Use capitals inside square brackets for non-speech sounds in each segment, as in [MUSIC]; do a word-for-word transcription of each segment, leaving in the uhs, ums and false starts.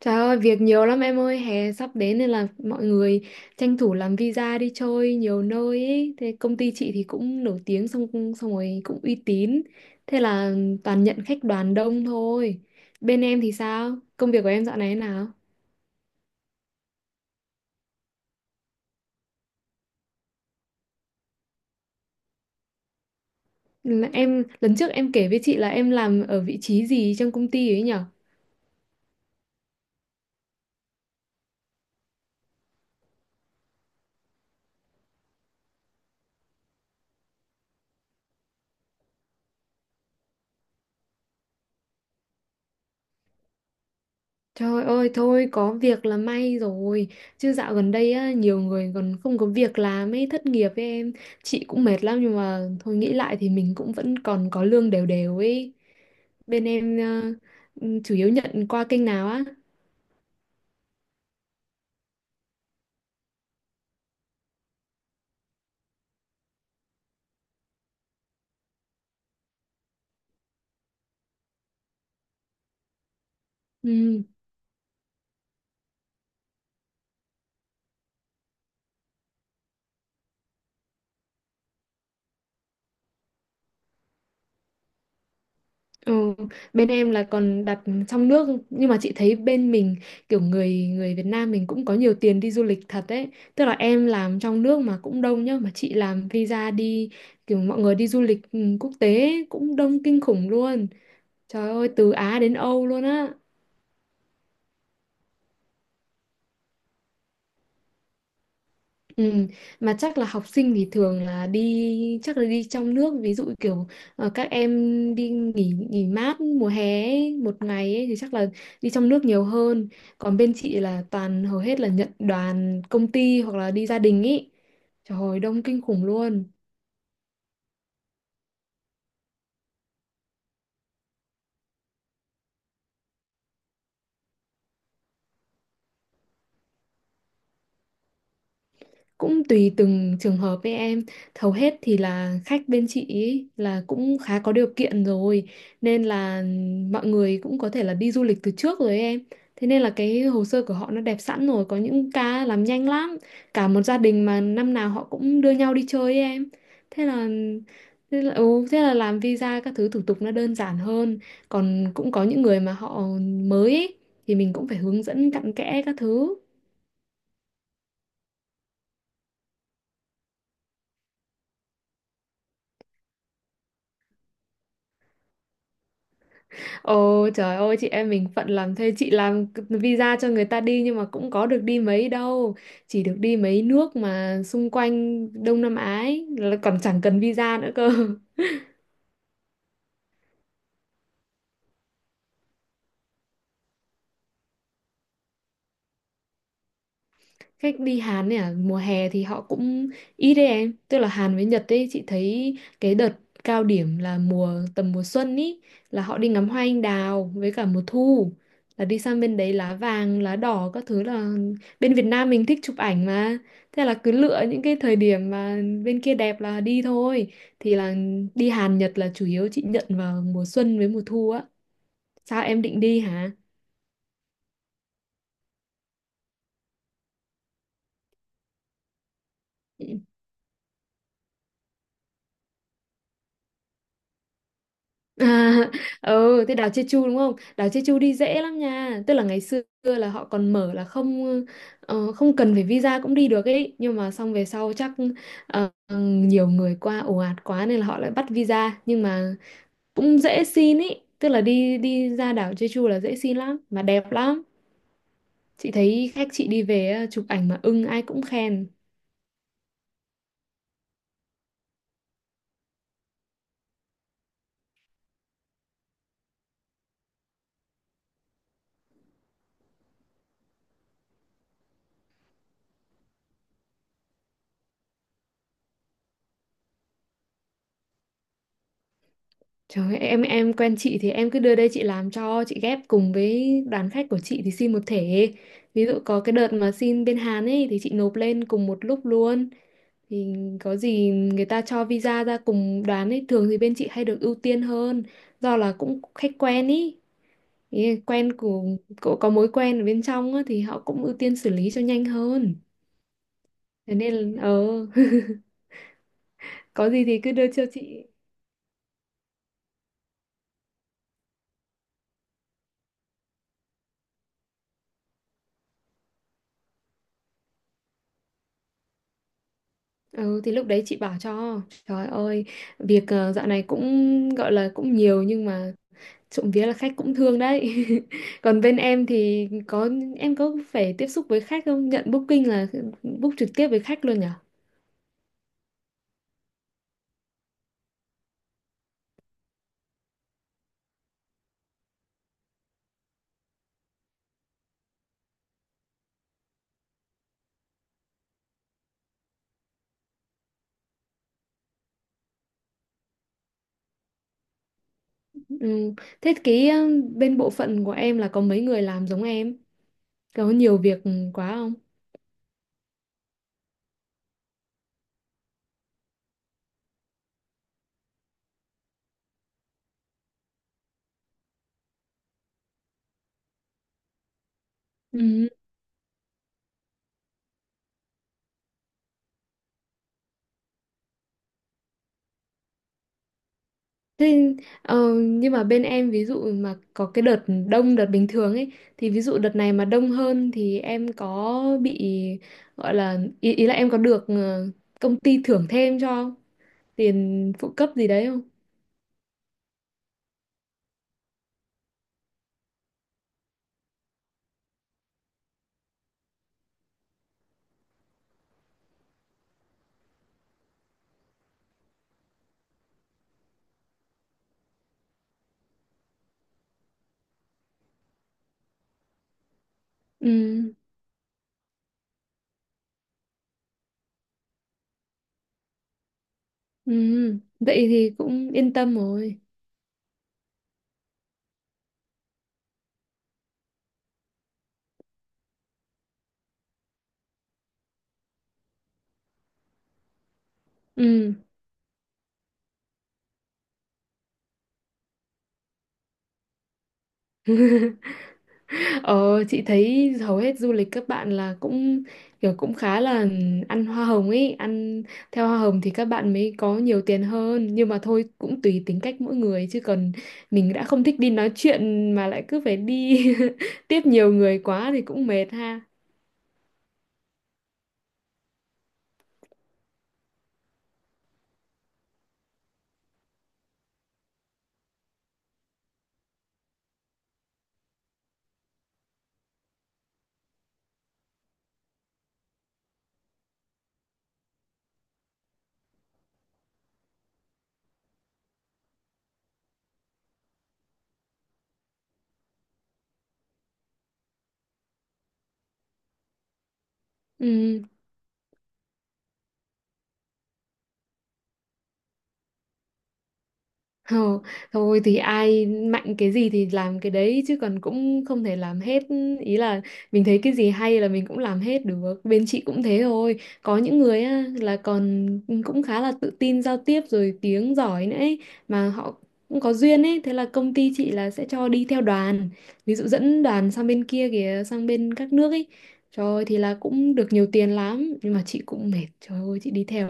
Trời ơi, việc nhiều lắm em ơi, hè sắp đến nên là mọi người tranh thủ làm visa đi chơi nhiều nơi ấy. Thế công ty chị thì cũng nổi tiếng xong xong rồi cũng uy tín. Thế là toàn nhận khách đoàn đông thôi. Bên em thì sao? Công việc của em dạo này thế nào? Là Em lần trước em kể với chị là em làm ở vị trí gì trong công ty ấy nhỉ? Trời ơi thôi có việc là may rồi. Chứ dạo gần đây á, nhiều người còn không có việc làm ấy, thất nghiệp. Với em, chị cũng mệt lắm nhưng mà thôi nghĩ lại thì mình cũng vẫn còn có lương đều đều ấy. Bên em ờ, ừ, chủ yếu nhận qua kênh nào á? Ừ. Ừ, bên em là còn đặt trong nước nhưng mà chị thấy bên mình kiểu người người Việt Nam mình cũng có nhiều tiền đi du lịch thật đấy, tức là em làm trong nước mà cũng đông nhá, mà chị làm visa đi kiểu mọi người đi du lịch ừ, quốc tế ấy, cũng đông kinh khủng luôn, trời ơi từ Á đến Âu luôn á. Ừ, mà chắc là học sinh thì thường là đi, chắc là đi trong nước, ví dụ kiểu ờ, các em đi nghỉ nghỉ mát mùa hè ấy, một ngày ấy, thì chắc là đi trong nước nhiều hơn. Còn bên chị là toàn, hầu hết là nhận đoàn công ty hoặc là đi gia đình ý, trời ơi đông kinh khủng luôn. Cũng tùy từng trường hợp với em, hầu hết thì là khách bên chị ý là cũng khá có điều kiện rồi, nên là mọi người cũng có thể là đi du lịch từ trước rồi ấy em. Thế nên là cái hồ sơ của họ nó đẹp sẵn rồi, có những ca làm nhanh lắm, cả một gia đình mà năm nào họ cũng đưa nhau đi chơi ấy em. Thế là thế là, ừ, thế là làm visa các thứ thủ tục nó đơn giản hơn. Còn cũng có những người mà họ mới ấy, thì mình cũng phải hướng dẫn cặn kẽ các thứ. Ồ trời ơi, chị em mình phận làm thế, chị làm visa cho người ta đi nhưng mà cũng có được đi mấy đâu, chỉ được đi mấy nước mà xung quanh Đông Nam Á ấy, là còn chẳng cần visa nữa cơ. Khách đi Hàn ấy à, mùa hè thì họ cũng ít đấy em. Tức là Hàn với Nhật ấy, chị thấy cái đợt cao điểm là mùa, tầm mùa xuân ý, là họ đi ngắm hoa anh đào, với cả mùa thu là đi sang bên đấy lá vàng lá đỏ các thứ, là bên Việt Nam mình thích chụp ảnh mà, thế là cứ lựa những cái thời điểm mà bên kia đẹp là đi thôi. Thì là đi Hàn Nhật là chủ yếu chị nhận vào mùa xuân với mùa thu á. Sao em định đi hả? À, [LAUGHS] ừ thế đảo Jeju đúng không? Đảo Jeju đi dễ lắm nha. Tức là ngày xưa là họ còn mở là không, ờ, không cần phải visa cũng đi được ấy. Nhưng mà xong về sau chắc ờ, nhiều người qua ồ ạt quá nên là họ lại bắt visa. Nhưng mà cũng dễ xin ấy. Tức là đi, đi ra đảo Jeju là dễ xin lắm mà đẹp lắm. Chị thấy khách chị đi về á, chụp ảnh mà ưng ai cũng khen. Trời ơi, em em quen chị thì em cứ đưa đây chị làm cho, chị ghép cùng với đoàn khách của chị thì xin một thể. Ví dụ có cái đợt mà xin bên Hàn ấy thì chị nộp lên cùng một lúc luôn. Thì có gì người ta cho visa ra cùng đoàn ấy, thường thì bên chị hay được ưu tiên hơn do là cũng khách quen ý. Ý là quen của, của có mối quen ở bên trong á, thì họ cũng ưu tiên xử lý cho nhanh hơn. Thế nên là- ờ [LAUGHS] Có gì thì cứ đưa cho chị. Ừ thì lúc đấy chị bảo cho, trời ơi việc ờ, dạo này cũng gọi là cũng nhiều nhưng mà trộm vía là khách cũng thương đấy. [LAUGHS] Còn bên em thì có, em có phải tiếp xúc với khách không, nhận booking là ừ, book trực tiếp với khách luôn nhở? Ừ. Thế cái ờ, bên bộ phận của em là có mấy người làm giống em, có nhiều việc ừ, quá không? Ừ. Thế, ờ, nhưng mà bên em ví dụ mà có cái đợt đông đợt bình thường ấy, thì ví dụ đợt này mà đông hơn thì em có bị gọi là ý, ý là em có được ờ, công ty thưởng thêm cho không? Tiền phụ cấp gì đấy không? Ừ, ừ. Vậy thì cũng yên tâm rồi. Ừ. [LAUGHS] Ờ, chị thấy hầu hết du lịch các bạn là cũng kiểu cũng khá là ăn hoa hồng ấy, ăn theo hoa hồng thì các bạn mới có nhiều tiền hơn, nhưng mà thôi cũng tùy tính cách mỗi người chứ còn mình đã không thích đi nói chuyện mà lại cứ phải đi [LAUGHS] tiếp nhiều người quá thì cũng mệt ha. Ừ. Ờ, thôi thì ai mạnh cái gì thì làm cái đấy chứ còn cũng không thể làm hết, ý là mình thấy cái gì hay là mình cũng làm hết được. Bên chị cũng thế thôi, có những người á, là còn cũng khá là tự tin giao tiếp rồi tiếng giỏi nữa ấy, mà họ cũng có duyên ấy, thế là công ty chị là sẽ cho đi theo đoàn, ví dụ dẫn đoàn sang bên kia kìa, sang bên các nước ấy, trời ơi, thì là cũng được nhiều tiền lắm nhưng mà chị cũng mệt, trời ơi chị đi theo,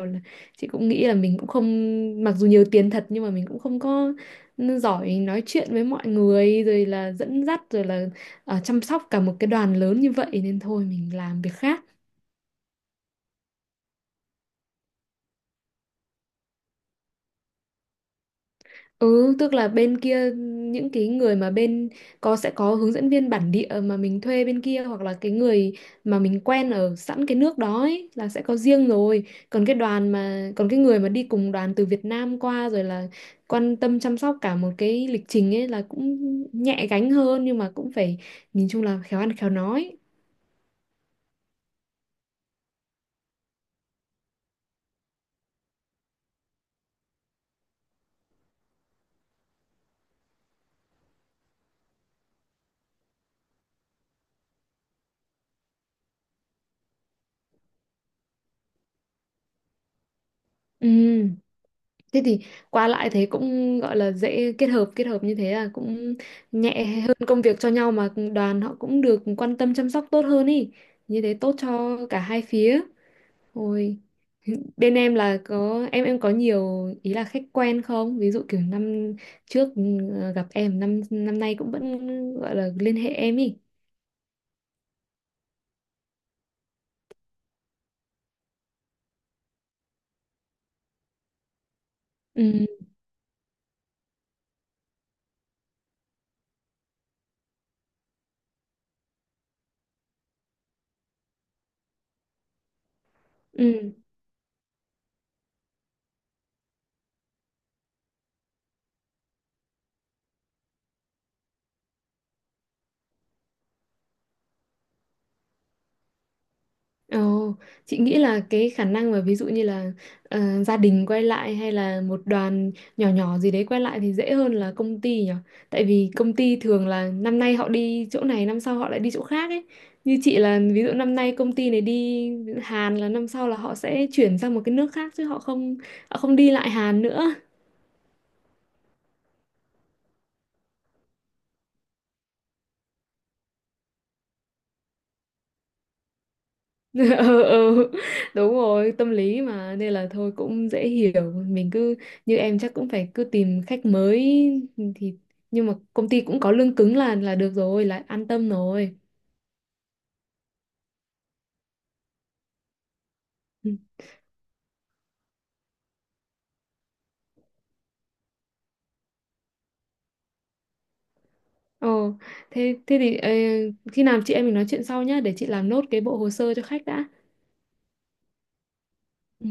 chị cũng nghĩ là mình cũng không, mặc dù nhiều tiền thật nhưng mà mình cũng không có giỏi nói chuyện với mọi người rồi là dẫn dắt rồi là ờ, chăm sóc cả một cái đoàn lớn như vậy, nên thôi mình làm việc khác. Ừ, tức là bên kia những cái người mà bên có, sẽ có hướng dẫn viên bản địa mà mình thuê bên kia, hoặc là cái người mà mình quen ở sẵn cái nước đó ấy, là sẽ có riêng rồi. Còn cái đoàn mà, còn cái người mà đi cùng đoàn từ Việt Nam qua rồi là quan tâm chăm sóc cả một cái lịch trình ấy, là cũng nhẹ gánh hơn nhưng mà cũng phải, nhìn chung là khéo ăn khéo nói. Ừ. Thế thì qua lại thế cũng gọi là dễ kết hợp, kết hợp như thế là cũng nhẹ hơn công việc cho nhau, mà đoàn họ cũng được quan tâm chăm sóc tốt hơn ý, như thế tốt cho cả hai phía. Ôi [LAUGHS] bên em là có, em em có nhiều ý là khách quen không, ví dụ kiểu năm trước ừ, gặp em, năm năm nay cũng vẫn gọi là liên hệ em ý. Ừ. Ừ. Ồ, chị nghĩ là cái khả năng mà ví dụ như là ờ, gia đình quay lại hay là một đoàn nhỏ nhỏ gì đấy quay lại thì dễ hơn là công ty nhỉ? Tại vì công ty thường là năm nay họ đi chỗ này, năm sau họ lại đi chỗ khác ấy. Như chị là ví dụ năm nay công ty này đi Hàn là năm sau là họ sẽ chuyển sang một cái nước khác chứ họ không, họ không đi lại Hàn nữa. [LAUGHS] Ừ, ừ, đúng rồi tâm lý mà, nên là thôi cũng dễ hiểu, mình cứ như em chắc cũng phải cứ tìm khách mới. Ừ, thì nhưng mà công ty cũng có lương cứng là là được rồi, là an tâm rồi. Ừ. Ồ thế, thế thì ờ, khi nào chị em mình nói chuyện sau nhá, để chị làm nốt cái bộ hồ sơ cho khách đã. Ừ,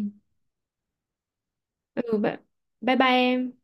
ừ bye bye, bye em.